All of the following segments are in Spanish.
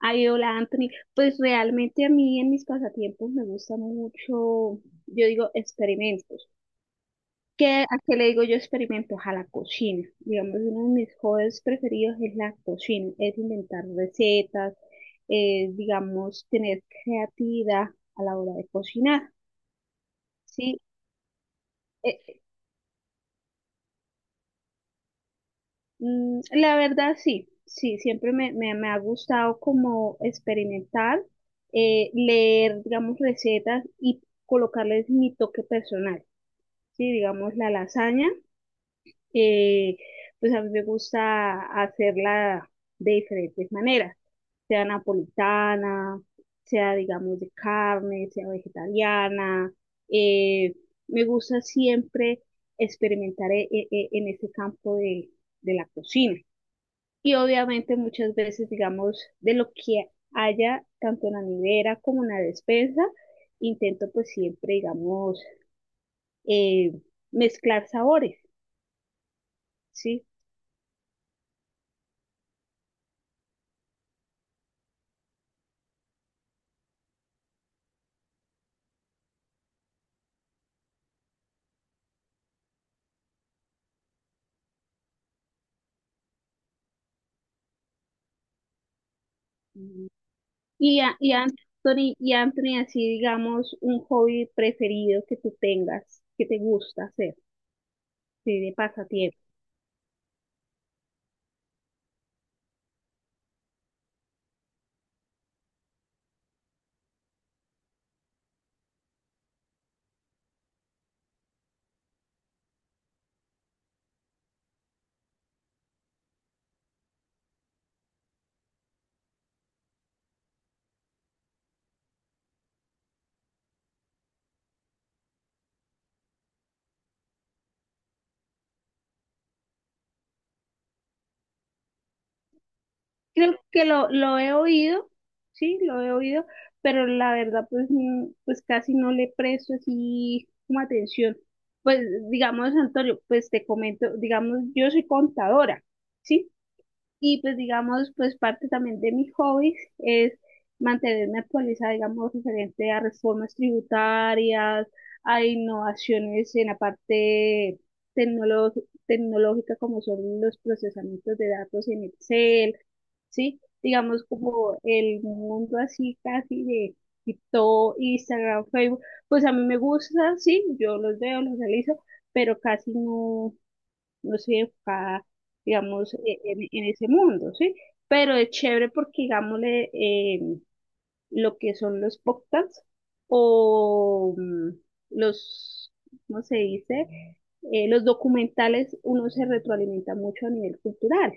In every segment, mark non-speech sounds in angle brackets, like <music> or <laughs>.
Ay, hola Anthony, pues realmente a mí en mis pasatiempos me gusta mucho, yo digo experimentos. ¿A qué le digo yo experimentos? A la cocina. Digamos, uno de mis hobbies preferidos es la cocina, es inventar recetas, digamos, tener creatividad a la hora de cocinar. Sí. Eh, la verdad sí, sí, siempre me ha gustado como experimentar, leer, digamos, recetas y colocarles mi toque personal. Sí, digamos, la lasaña, eh, pues a mí me gusta hacerla de diferentes maneras, sea napolitana, sea digamos de carne, sea vegetariana, eh, me gusta siempre experimentar en ese campo de la cocina. Y obviamente muchas veces, digamos, de lo que haya tanto en la nevera como en la despensa, intento pues siempre, digamos, eh, mezclar sabores, ¿sí? Mm. Y Anthony, así digamos, un hobby preferido que tú tengas, que te gusta hacer, sí, de pasatiempo. Creo que lo he oído, sí, lo he oído, pero la verdad, pues, pues casi no le presto así como atención. Pues, digamos, Antonio, pues te comento, digamos, yo soy contadora, ¿sí? Y pues digamos, pues parte también de mis hobbies es mantenerme actualizada, digamos, referente a reformas tributarias, a innovaciones en la parte tecnolo- tecnológica, como son los procesamientos de datos en Excel, ¿sí? Digamos, como el mundo así casi de TikTok, Instagram, Facebook, pues a mí me gusta, sí, yo los veo, los realizo, pero casi no estoy enfocada, digamos, en ese mundo, ¿sí? Pero es chévere porque, digámosle, lo que son los podcasts o los, ¿cómo se dice? Los documentales, uno se retroalimenta mucho a nivel cultural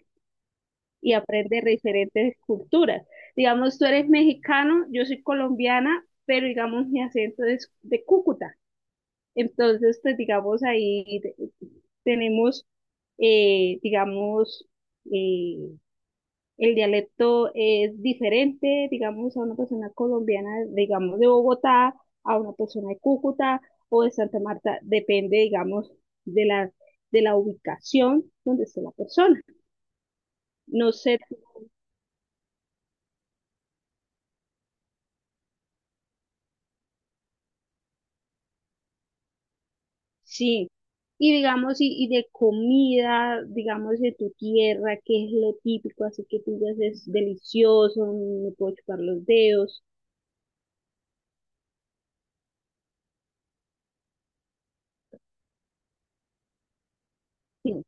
y aprende de diferentes culturas. Digamos, tú eres mexicano, yo soy colombiana, pero digamos, mi acento es de Cúcuta. Entonces, pues digamos ahí tenemos, digamos, eh, el dialecto es diferente, digamos, a una persona colombiana, digamos, de Bogotá, a una persona de Cúcuta o de Santa Marta, depende, digamos, de la, de la ubicación donde esté la persona. No sé. Sí, y digamos, y de comida, digamos, de tu tierra, ¿qué es lo típico, así que tú digas es delicioso, me puedo chupar los dedos? Sí.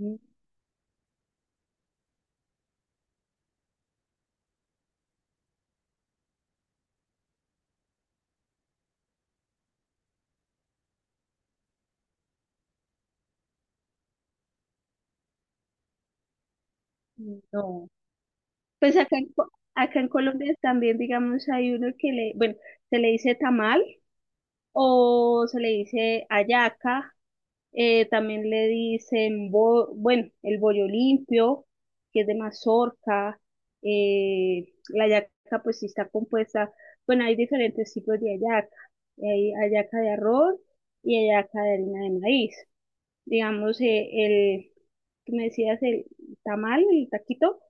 Mm. No. Pues acá en Colombia también, digamos, hay uno que le, bueno, se le dice tamal o se le dice hallaca. También le dicen, bueno, el bollo limpio, que es de mazorca. La yaca, pues sí está compuesta. Bueno, hay diferentes tipos de hallaca. Hay hallaca de arroz y hallaca de harina de maíz. Digamos, el, que me decías, el tamal, el taquito,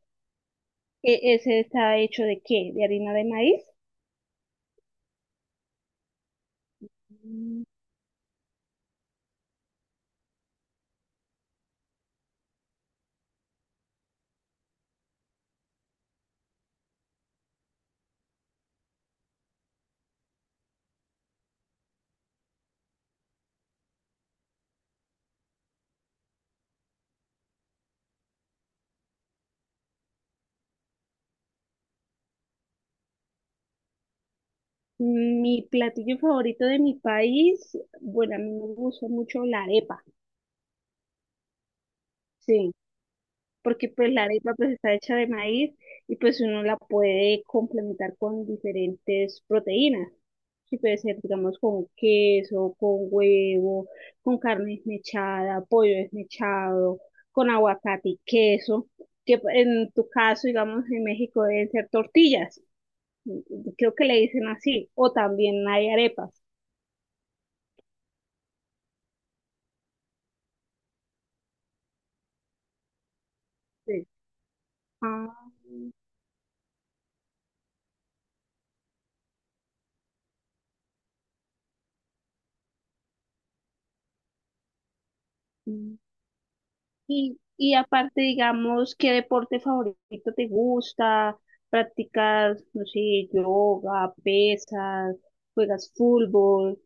ese está hecho ¿de qué? De harina de maíz. Mm. Mi platillo favorito de mi país, bueno, a mí me gusta mucho la arepa. Sí, porque pues la arepa pues está hecha de maíz y pues uno la puede complementar con diferentes proteínas. Sí, puede ser, digamos, con queso, con huevo, con carne desmechada, pollo desmechado, con aguacate y queso, que pues, en tu caso, digamos, en México deben ser tortillas, creo que le dicen así, o también hay arepas. Sí. Ah. Y aparte, digamos, ¿qué deporte favorito te gusta? ¿Practicas, no sé, yoga, pesas, juegas fútbol?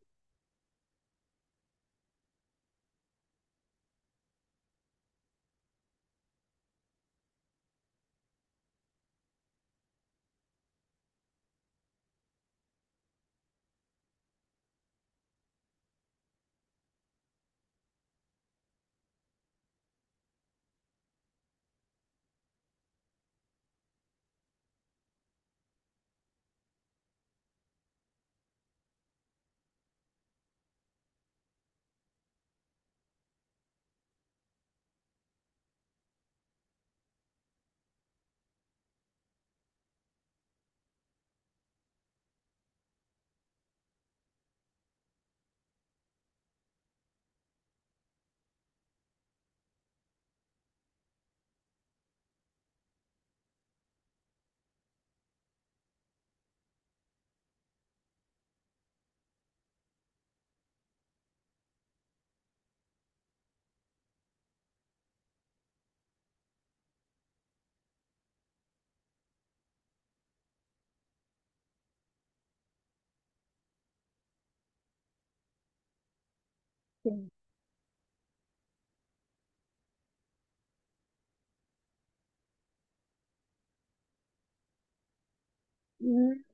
Mm.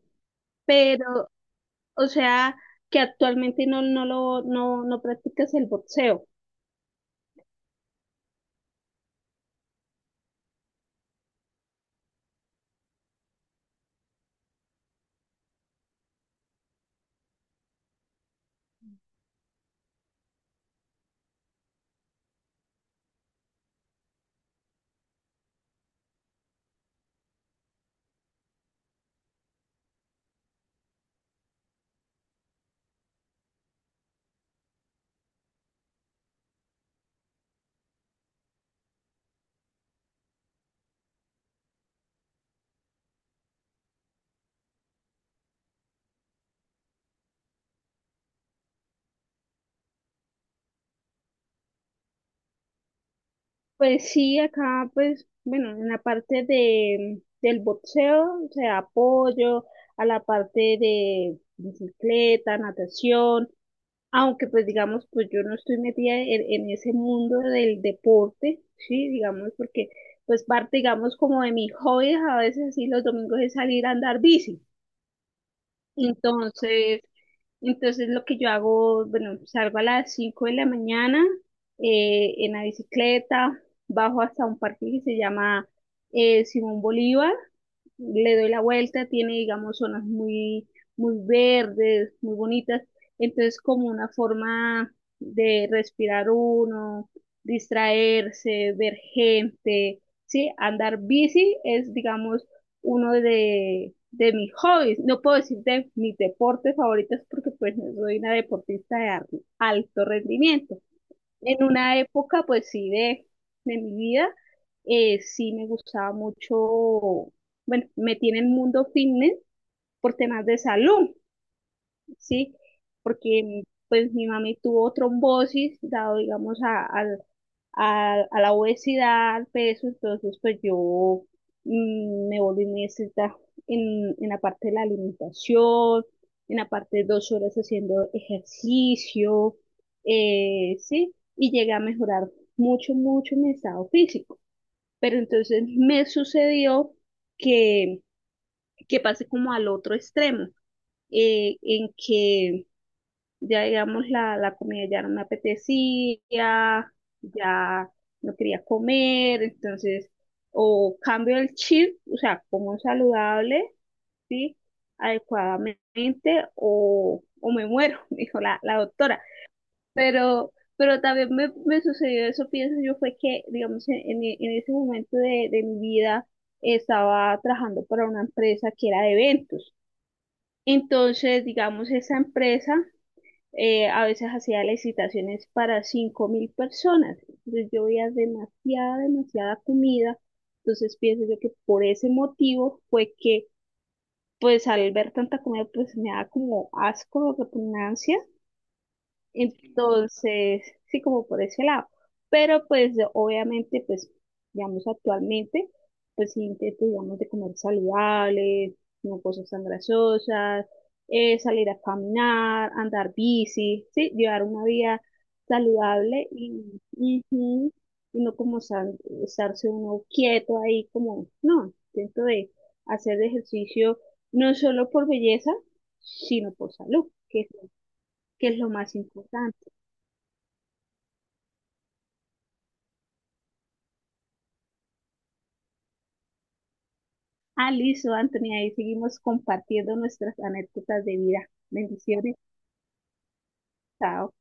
Pero, o sea, que actualmente no, no lo, no, no practicas el boxeo. Pues sí, acá, pues, bueno, en la parte del boxeo, o sea, apoyo a la parte de bicicleta, natación. Aunque pues digamos, pues yo no estoy metida en ese mundo del deporte, sí, digamos, porque pues parte, digamos, como de mis hobbies a veces así los domingos es salir a andar bici. Entonces, entonces lo que yo hago, bueno, salgo a las 5 de la mañana en la bicicleta, bajo hasta un parque que se llama Simón Bolívar, le doy la vuelta, tiene, digamos, zonas muy, muy verdes, muy bonitas, entonces como una forma de respirar uno, distraerse, ver gente, ¿sí? Andar bici es, digamos, uno de mis hobbies. No puedo decir de mis deportes favoritos porque pues no soy una deportista de alto rendimiento. En una época, pues sí, de mi vida, sí me gustaba mucho, bueno, me tiene el mundo fitness por temas de salud. Sí, porque pues mi mami tuvo trombosis, dado digamos a la obesidad, al peso, entonces pues yo, me volví muy estricta en la parte de la alimentación, en la parte de 2 horas haciendo ejercicio, sí, y llegué a mejorar mucho, mucho mi estado físico. Pero entonces me sucedió que, que pasé como al otro extremo, en que ya, digamos, la comida ya no me apetecía, ya no quería comer, entonces, o cambio el chip, o sea, como saludable, ¿sí? Adecuadamente, o me muero, <laughs> dijo la doctora. Pero también me sucedió eso, pienso yo, fue que, digamos, en ese momento de mi vida estaba trabajando para una empresa que era de eventos. Entonces, digamos, esa empresa a veces hacía licitaciones para 5.000 personas. Entonces yo veía demasiada, demasiada comida. Entonces pienso yo que por ese motivo fue que, pues al ver tanta comida, pues me da como asco, repugnancia. Entonces, sí, como por ese lado. Pero pues obviamente, pues, digamos, actualmente, pues sí intento, digamos, de comer saludable, no cosas tan grasosas, salir a caminar, andar bici, sí, llevar una vida saludable y, ujú, y no como estarse uno quieto ahí, como, no, intento de hacer ejercicio no solo por belleza, sino por salud, que es lo más importante. Ah, listo, Anthony, ahí seguimos compartiendo nuestras anécdotas de vida. Bendiciones, chao.